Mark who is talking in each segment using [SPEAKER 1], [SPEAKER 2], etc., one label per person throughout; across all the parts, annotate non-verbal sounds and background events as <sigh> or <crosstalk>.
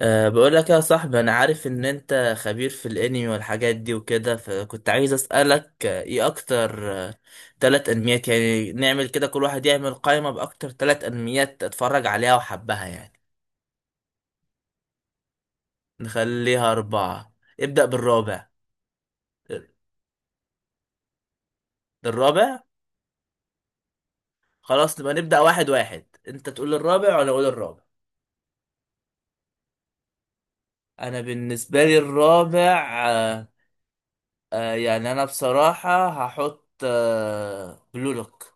[SPEAKER 1] أه بقول لك يا صاحبي انا عارف ان انت خبير في الانمي والحاجات دي وكده فكنت عايز اسالك ايه اكتر تلات انميات، يعني نعمل كده كل واحد يعمل قائمة باكتر تلات انميات اتفرج عليها وحبها يعني. نخليها اربعة. ابدأ بالرابع. الرابع. خلاص نبقى نبدأ واحد واحد، انت تقول الرابع وانا اقول الرابع. انا بالنسبة لي الرابع يعني انا بصراحة هحط بلولوك.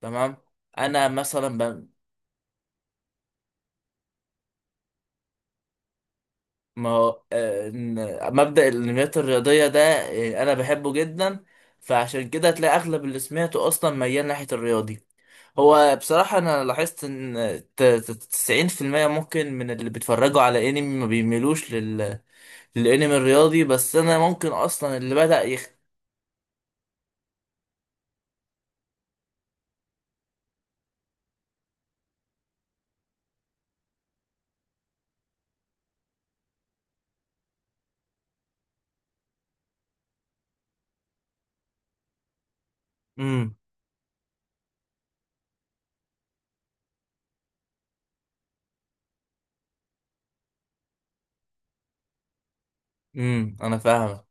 [SPEAKER 1] تمام. انا مثلا. ما هو مبدأ الانميات الرياضية ده أنا بحبه جدا، فعشان كده هتلاقي أغلب اللي سمعته أصلا ميال ناحية الرياضي. هو بصراحة أنا لاحظت إن 90% ممكن من اللي بيتفرجوا على أنمي ما بيميلوش لل... للأنمي الرياضي، بس أنا ممكن أصلا اللي بدأ يخ. امم أنا فاهمك.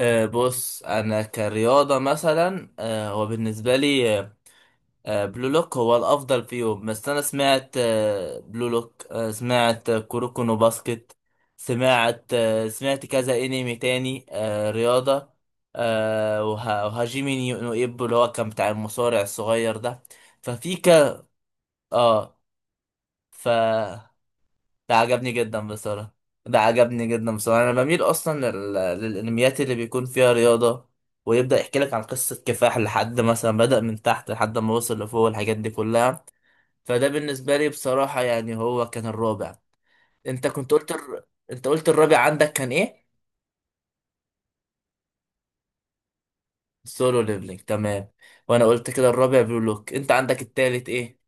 [SPEAKER 1] أه بص، أنا كرياضة مثلا، أه هو بالنسبة لي بلو لوك هو الافضل فيهم. بس انا سمعت بلو لوك، سمعت كوروكو نو باسكت، سمعت سمعت كذا انمي تاني رياضة، وهاجيمي نيو نو ايبو، اللي هو كان بتاع المصارع الصغير ده. ففي ك، اه، ف، ده عجبني جدا بصراحة ده عجبني جدا بصراحة. انا بميل اصلا لل... للانميات اللي بيكون فيها رياضة، ويبدأ يحكي لك عن قصة كفاح لحد مثلا بدأ من تحت لحد ما وصل لفوق، الحاجات دي كلها. فده بالنسبة لي بصراحة، يعني هو كان الرابع. انت كنت قلت الر... انت قلت الرابع عندك كان ايه؟ سولو ليفلينج، تمام. وانا قلت كده الرابع بلو لوك. انت عندك التالت ايه؟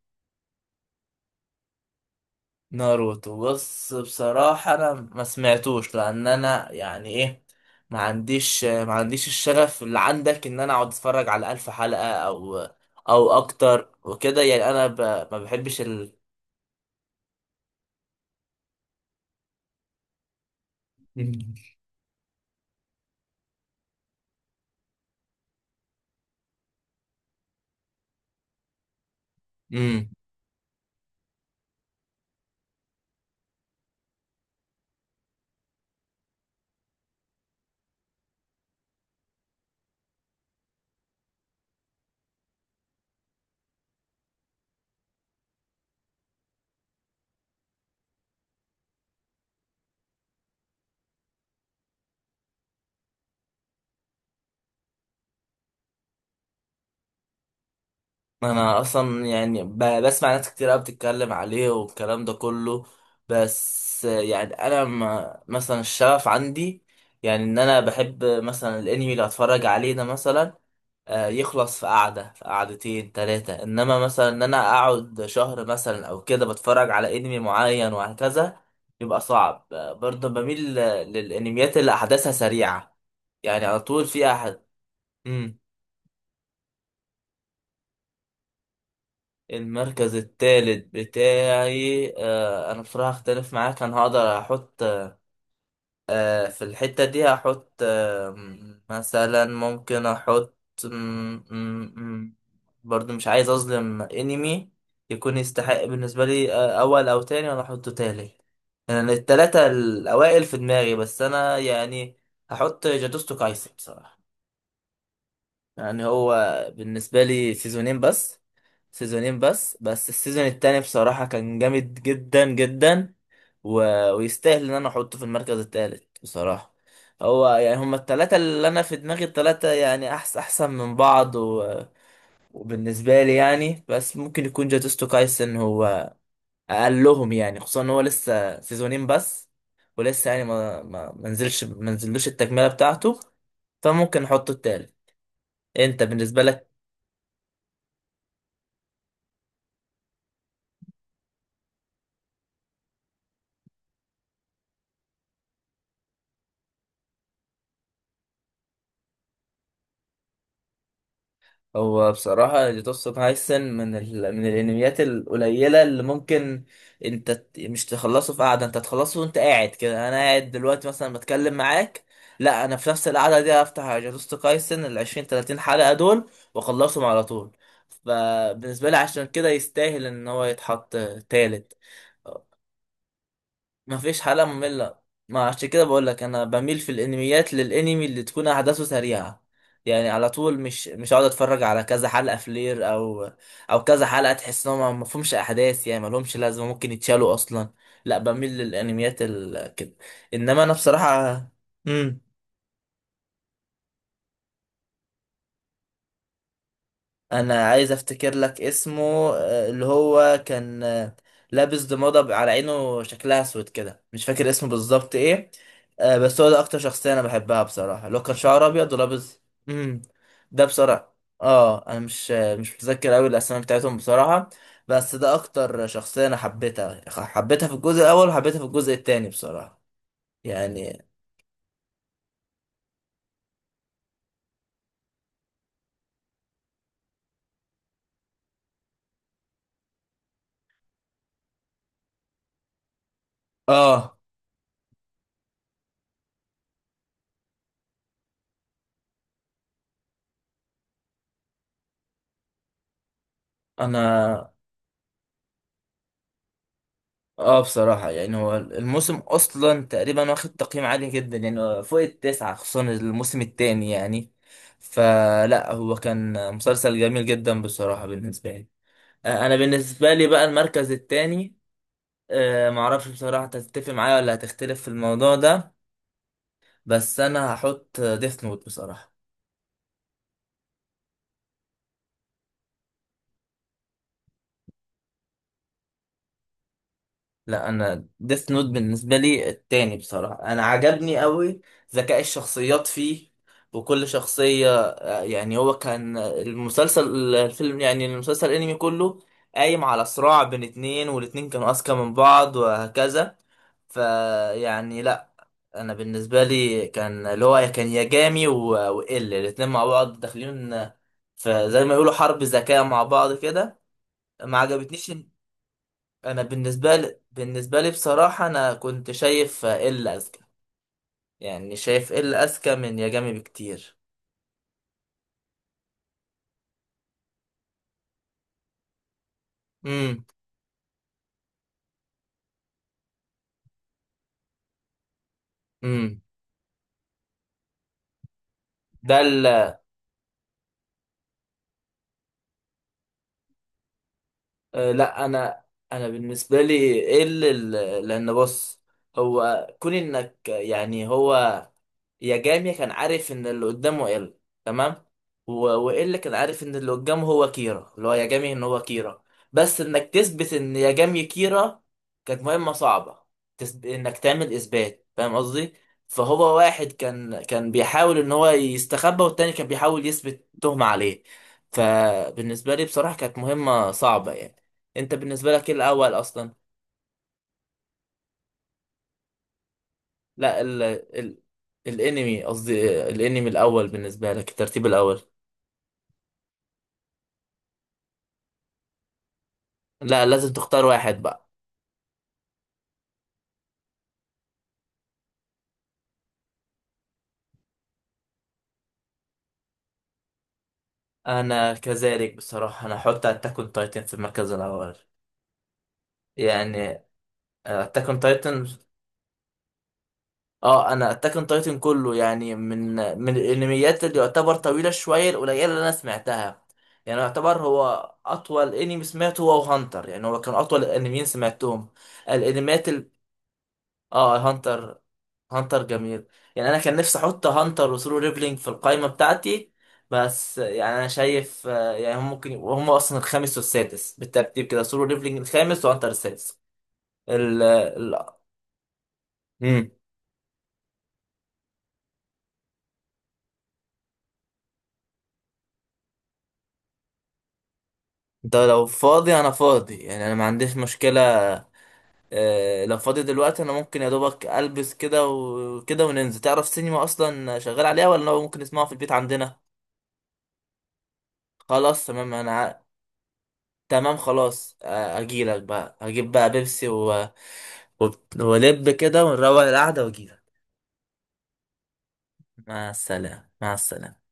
[SPEAKER 1] ناروتو. بص بصراحة انا ما سمعتوش لان انا يعني ايه، ما عنديش ما عنديش الشغف اللي عندك ان انا اقعد اتفرج على 1000 حلقة او او اكتر وكده. يعني انا ب... ما بحبش ال... <laughs> مم. انا اصلا يعني بسمع ناس كتير قوي بتتكلم عليه والكلام ده كله، بس يعني انا ما مثلا الشغف عندي يعني ان انا بحب مثلا الانمي اللي اتفرج عليه ده مثلا يخلص في قعده، في قعدتين ثلاثه. انما مثلا ان انا اقعد شهر مثلا او كده بتفرج على انمي معين وهكذا، يبقى صعب. برضه بميل للانميات اللي احداثها سريعه، يعني على طول في احد. المركز الثالث بتاعي، آه انا بصراحة اختلف معاك. انا هقدر احط آه في الحتة دي، هحط مثلا ممكن احط م- م- م- برضو مش عايز اظلم انمي يكون يستحق بالنسبة لي آه اول او تاني انا احطه تالت. يعني التلاتة الاوائل في دماغي. بس انا يعني هحط جادوستو كايسن بصراحة. يعني هو بالنسبة لي سيزونين بس، سيزونين بس، بس السيزون التاني بصراحة كان جامد جدا جدا، و... ويستاهل ان انا احطه في المركز التالت بصراحة. هو يعني هما التلاتة اللي انا في دماغي، التلاتة يعني احسن احسن من بعض، و... وبالنسبة لي يعني بس ممكن يكون جاتوستو كايسن هو اقلهم، يعني خصوصا ان هو لسه سيزونين بس، ولسه يعني ما نزلش، ما نزلوش التكملة بتاعته، فممكن احطه التالت. انت بالنسبة لك؟ هو بصراحة جوتوتسو كايسن من ال... من الانميات القليلة اللي ممكن انت مش تخلصه في قعدة، انت تخلصه وانت قاعد كده. انا قاعد دلوقتي مثلا بتكلم معاك، لا انا في نفس القعدة دي هفتح جوتوتسو كايسن ال 20 30 حلقة دول واخلصهم على طول. فبالنسبة لي عشان كده يستاهل ان هو يتحط تالت. ما فيش حلقة مملة، ما عشان كده بقول لك انا بميل في الانميات للانمي اللي تكون احداثه سريعة، يعني على طول، مش هقعد اتفرج على كذا حلقة فلير او او كذا حلقة تحس انهم ما فيهمش احداث، يعني ما لهمش لازمة ممكن يتشالوا اصلا. لا بميل للانميات ال... كده. انما انا بصراحة. امم، انا عايز افتكر لك اسمه. اللي هو كان لابس ضمادة على عينه شكلها اسود كده، مش فاكر اسمه بالظبط ايه. بس هو ده اكتر شخصية انا بحبها بصراحة، اللي هو كان شعره ابيض ولابس. امم، ده بصراحة. اه انا مش متذكر قوي الاسماء بتاعتهم بصراحة، بس ده اكتر شخصية انا حبيتها، حبيتها في الجزء الاول وحبيتها في الجزء التاني بصراحة يعني. اه انا. اه بصراحة يعني هو الموسم أصلا تقريبا واخد تقييم عالي جدا، يعني فوق التسعة، خصوصا الموسم التاني يعني. فلا، هو كان مسلسل جميل جدا بصراحة بالنسبة لي. أنا بالنسبة لي بقى المركز التاني، معرفش بصراحة أنت هتتفق معايا ولا هتختلف في الموضوع ده، بس أنا هحط ديث نوت بصراحة. لا انا ديث نوت بالنسبه لي التاني بصراحه، انا عجبني قوي ذكاء الشخصيات فيه. وكل شخصيه يعني هو كان المسلسل الفيلم يعني المسلسل الانمي كله قايم على صراع بين اتنين، والاتنين كانوا اذكى من بعض وهكذا. فيعني لا، انا بالنسبه لي كان اللي هو كان ياجامي وال الاتنين مع بعض داخلين في زي ما يقولوا حرب ذكاء مع بعض كده. ما عجبتنيش. انا بالنسبه لي بصراحه انا كنت شايف ال اذكى، يعني شايف ال اذكى من يا جامي بكتير. امم امم. ده أه لا انا. انا بالنسبه لي ايه اللي لان بص، هو كون انك يعني هو يا جامي كان عارف ان اللي قدامه ال، تمام، والا كان عارف ان اللي قدامه هو كيرا، اللي هو يا جامي ان هو كيرا، بس انك تثبت ان يا جامي كيرا كانت مهمه صعبه. تثب... انك تعمل اثبات، فاهم قصدي؟ فهو واحد كان بيحاول ان هو يستخبى والتاني كان بيحاول يثبت تهمه عليه. فبالنسبه لي بصراحه كانت مهمه صعبه يعني. انت بالنسبه لك ايه الاول اصلا؟ لا ال ال الانمي قصدي، الانمي الاول بالنسبه لك الترتيب الاول. لا لازم تختار واحد بقى. انا كذلك بصراحه، انا احط اتاك اون تايتن في المركز الاول يعني. اتاك اون تايتن، اه انا اتاك اون تايتن كله، يعني من من الانميات اللي يعتبر طويله شويه القليله اللي انا سمعتها. يعني يعتبر هو اطول انمي سمعته، هو هانتر، يعني هو كان اطول الانميين سمعتهم. الانميات ال... اه هانتر، هانتر جميل. يعني انا كان نفسي احط هانتر وسولو ليفلينج في القائمه بتاعتي، بس يعني انا شايف يعني هم ممكن يبقوا هم اصلا الخامس والسادس بالترتيب كده، سولو ليفلينج الخامس وهانتر السادس. ال ال، امم. انت لو فاضي انا فاضي، يعني انا ما عنديش مشكله. لو فاضي دلوقتي انا ممكن يا دوبك البس كده وكده وننزل. تعرف سينما اصلا شغال عليها ولا ممكن نسمعها في البيت عندنا؟ خلاص تمام انا. تمام خلاص، اجيلك بقى، هجيب بقى بيبسي و... و... ولب كده ونروق القعدة واجيلك. مع السلامة، مع السلامة.